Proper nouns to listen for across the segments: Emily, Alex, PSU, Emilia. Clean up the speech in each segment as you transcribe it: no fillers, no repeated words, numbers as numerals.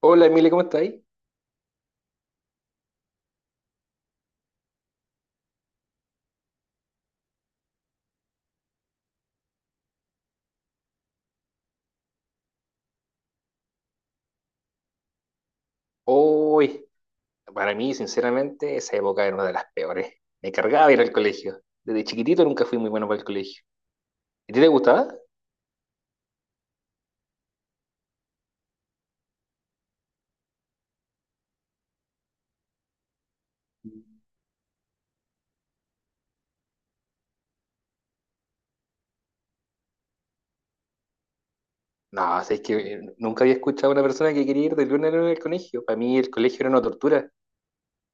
Hola Emilia, ¿cómo estáis? Hoy, para mí, sinceramente, esa época era una de las peores. Me cargaba ir al colegio. Desde chiquitito nunca fui muy bueno para el colegio. ¿A ti te gustaba? No, o es que nunca había escuchado a una persona que quería ir de lunes a lunes al colegio. Para mí el colegio era una tortura.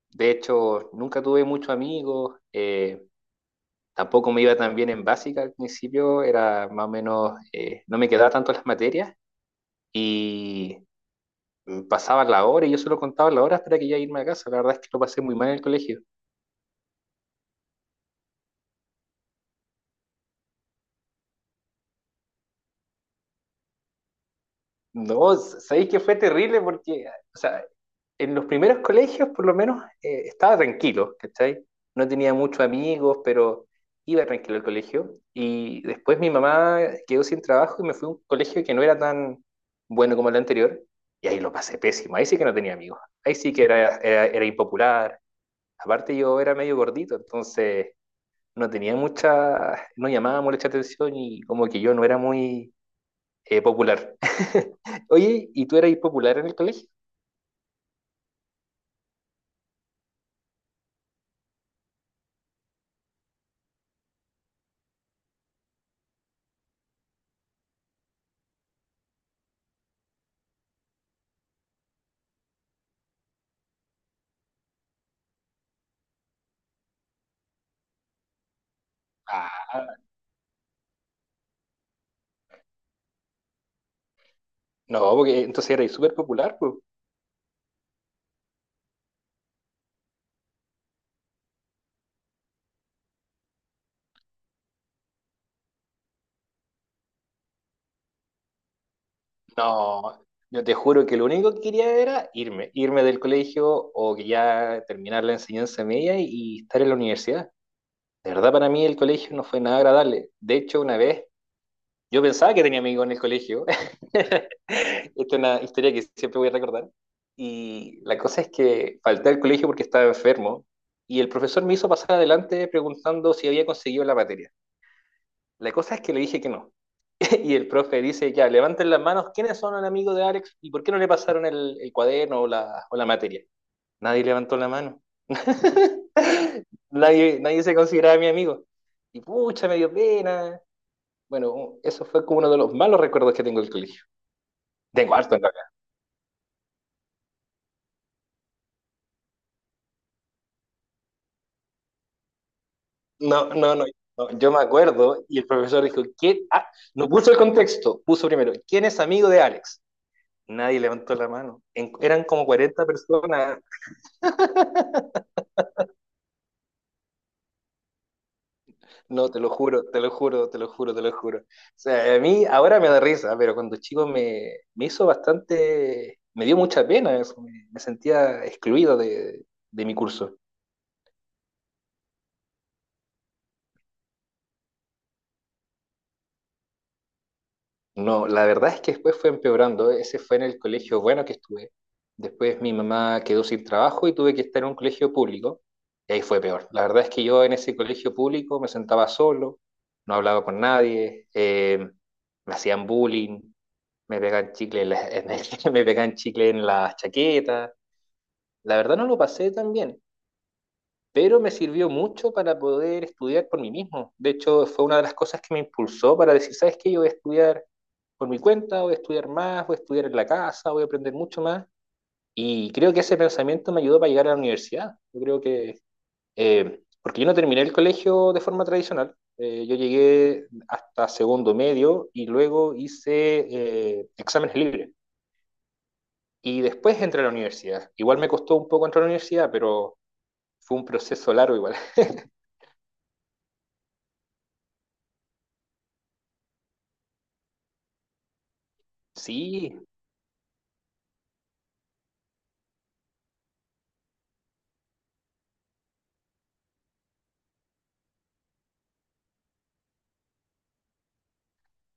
De hecho, nunca tuve muchos amigos. Tampoco me iba tan bien en básica al principio. Era más o menos, no me quedaba tanto las materias. Y pasaba la hora y yo solo contaba la hora hasta que ya irme a casa. La verdad es que lo pasé muy mal en el colegio. No, sabéis que fue terrible porque, o sea, en los primeros colegios por lo menos estaba tranquilo, ¿cachai? No tenía muchos amigos, pero iba tranquilo al colegio. Y después mi mamá quedó sin trabajo y me fui a un colegio que no era tan bueno como el anterior. Y ahí lo pasé pésimo, ahí sí que no tenía amigos, ahí sí que era impopular. Aparte yo era medio gordito, entonces no tenía mucha, no llamaba mucha atención y como que yo no era muy popular. Oye, ¿y tú eras popular en el colegio? Ah, no, porque entonces eras súper popular, pues. No, yo te juro que lo único que quería era irme, irme del colegio o que ya terminar la enseñanza media y estar en la universidad. De verdad, para mí el colegio no fue nada agradable. De hecho, una vez yo pensaba que tenía amigos en el colegio. Esta es una historia que siempre voy a recordar. Y la cosa es que falté al colegio porque estaba enfermo y el profesor me hizo pasar adelante preguntando si había conseguido la materia. La cosa es que le dije que no. Y el profe dice, ya, levanten las manos, ¿quiénes son el amigo de Alex y por qué no le pasaron el cuaderno o la materia? Nadie levantó la mano. Nadie, nadie se consideraba mi amigo. Y pucha, me dio pena. Bueno, eso fue como uno de los malos recuerdos que tengo del colegio. Tengo harto en la cara. No, no, no, no, yo me acuerdo y el profesor dijo, ¿quién? Ah, no puso el contexto, puso primero, ¿quién es amigo de Alex? Nadie levantó la mano. Eran como 40 personas. No, te lo juro, te lo juro, te lo juro, te lo juro. O sea, a mí ahora me da risa, pero cuando chico me hizo bastante, me dio mucha pena eso. Me sentía excluido de mi curso. No, la verdad es que después fue empeorando. Ese fue en el colegio bueno que estuve. Después mi mamá quedó sin trabajo y tuve que estar en un colegio público. Y ahí fue peor. La verdad es que yo en ese colegio público me sentaba solo, no hablaba con nadie, me hacían bullying, me pegaban chicle en la- me pegaban chicle en la chaqueta. La verdad no lo pasé tan bien, pero me sirvió mucho para poder estudiar por mí mismo. De hecho, fue una de las cosas que me impulsó para decir, ¿sabes qué? Yo voy a estudiar por mi cuenta, voy a estudiar más, voy a estudiar en la casa, voy a aprender mucho más. Y creo que ese pensamiento me ayudó para llegar a la universidad. Yo creo que, porque yo no terminé el colegio de forma tradicional, yo llegué hasta segundo medio y luego hice exámenes libres. Y después entré a la universidad. Igual me costó un poco entrar a la universidad, pero fue un proceso largo igual. Sí,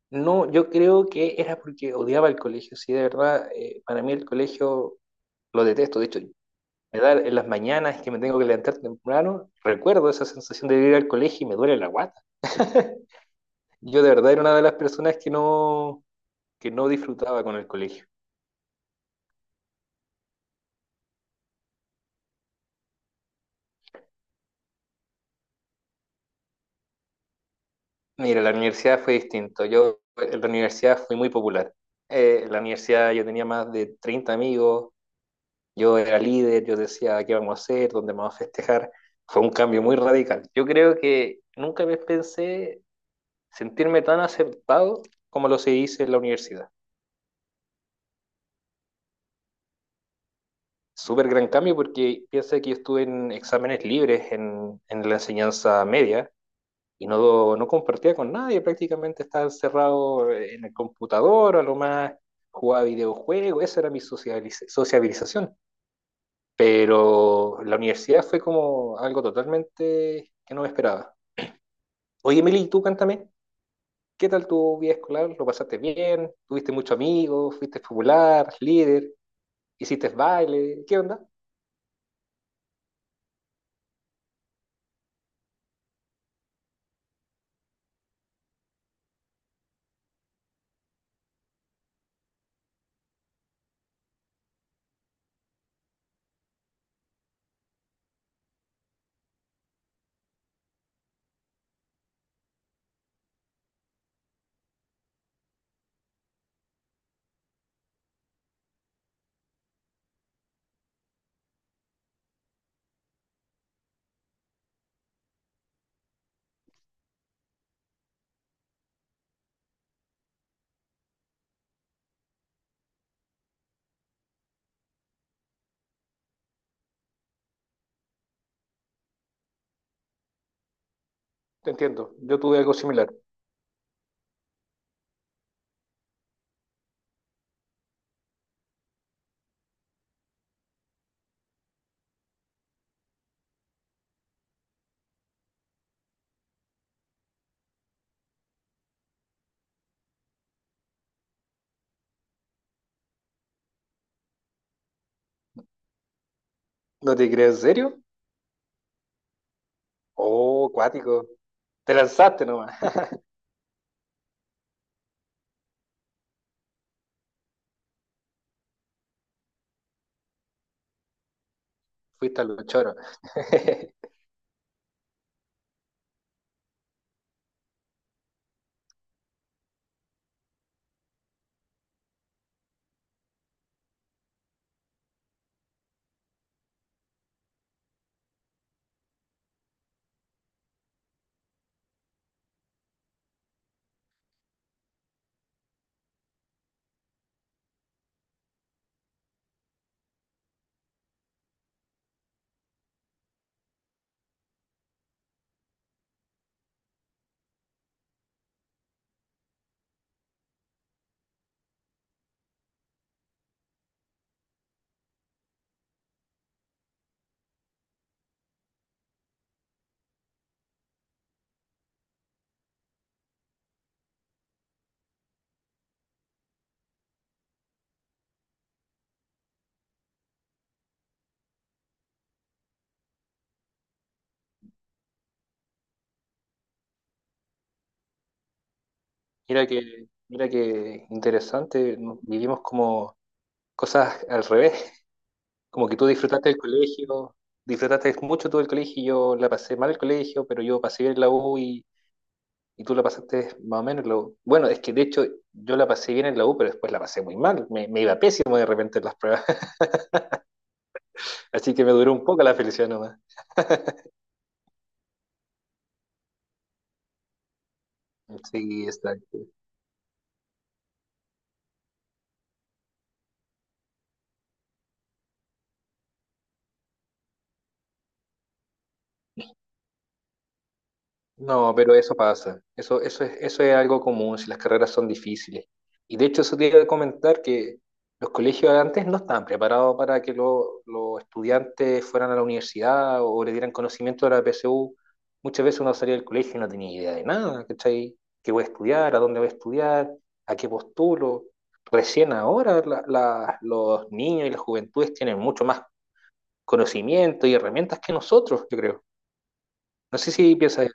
no, yo creo que era porque odiaba el colegio, sí, de verdad, para mí el colegio lo detesto, de hecho, me da en las mañanas que me tengo que levantar temprano, recuerdo esa sensación de ir al colegio y me duele la guata. Yo de verdad era una de las personas que no disfrutaba con el colegio. Mira, la universidad fue distinto, yo en la universidad fui muy popular. En la universidad yo tenía más de 30 amigos. Yo era líder, yo decía qué vamos a hacer, dónde vamos a festejar. Fue un cambio muy radical. Yo creo que nunca me pensé sentirme tan aceptado como lo se hizo en la universidad. Súper gran cambio porque piensa que yo estuve en exámenes libres en la enseñanza media y no, no compartía con nadie, prácticamente estaba encerrado en el computador, a lo más jugaba videojuegos, esa era mi sociabilización. Pero la universidad fue como algo totalmente que no me esperaba. Oye, Emily, ¿y tú cántame? ¿Qué tal tu vida escolar? ¿Lo pasaste bien? ¿Tuviste muchos amigos? ¿Fuiste popular? ¿Líder? ¿Hiciste baile? ¿Qué onda? Te entiendo, yo tuve algo similar. ¿No te crees en serio? Oh, cuático. Te lanzaste nomás. Fuiste a los choros. Mira que interesante, ¿no? Vivimos como cosas al revés. Como que tú disfrutaste del colegio, disfrutaste mucho tú del colegio. Y yo la pasé mal el colegio, pero yo pasé bien la U. Y tú la pasaste más o menos en la U. Bueno, es que de hecho yo la pasé bien en la U, pero después la pasé muy mal. Me iba pésimo de repente en las pruebas. Así que me duró un poco la felicidad nomás. Sí, exacto. No, pero eso pasa. Eso es algo común si las carreras son difíciles. Y de hecho, eso te iba a comentar que los colegios antes no estaban preparados para que los estudiantes fueran a la universidad o le dieran conocimiento de la PSU. Muchas veces uno salía del colegio y no tenía idea de nada, ¿cachai? ¿Qué voy a estudiar? ¿A dónde voy a estudiar? ¿A qué postulo? Recién ahora los niños y las juventudes tienen mucho más conocimiento y herramientas que nosotros, yo creo. No sé si piensas.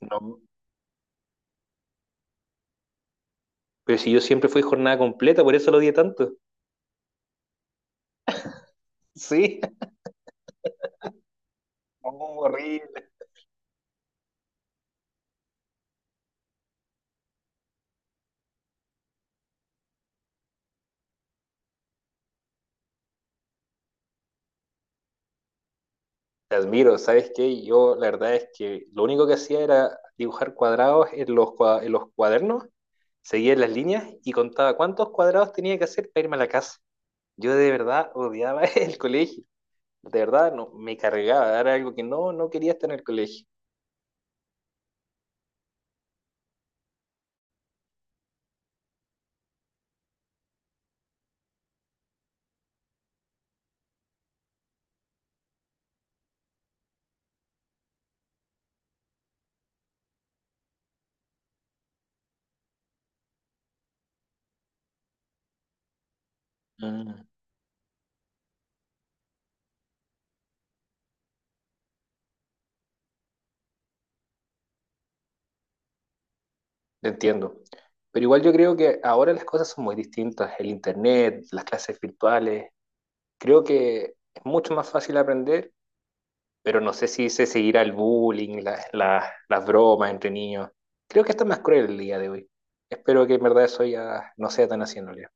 No. Pero si yo siempre fui jornada completa, por eso lo odié tanto. Sí, oh, horrible. Te admiro, ¿sabes qué? Yo la verdad es que lo único que hacía era dibujar cuadrados en los, en los cuadernos, seguía las líneas y contaba cuántos cuadrados tenía que hacer para irme a la casa. Yo de verdad odiaba el colegio. De verdad, no, me cargaba. Era algo que no, no quería estar en el colegio. Mm, te entiendo. Pero igual yo creo que ahora las cosas son muy distintas. El internet, las clases virtuales, creo que es mucho más fácil aprender, pero no sé si se seguirá el bullying, las bromas entre niños. Creo que está más cruel el día de hoy. Espero que en verdad eso ya no sea tan así en realidad.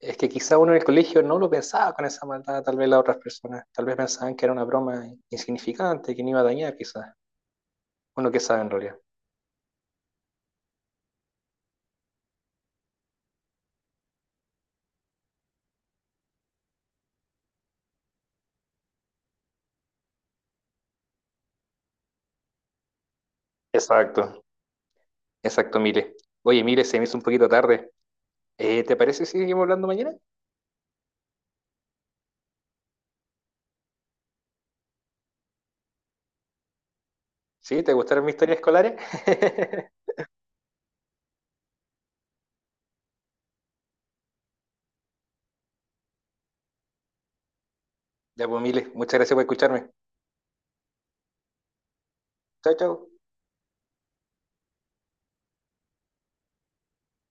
Es que quizá uno en el colegio no lo pensaba con esa maldad, tal vez las otras personas, tal vez pensaban que era una broma insignificante, que no iba a dañar quizás. Uno que sabe en realidad. Exacto, exacto, Mire. Oye, Mire, se me hizo un poquito tarde. ¿Te parece si seguimos hablando mañana? ¿Sí? ¿Te gustaron mis historias escolares? Ya, pues, Mire, muchas gracias por escucharme. Chao, chao.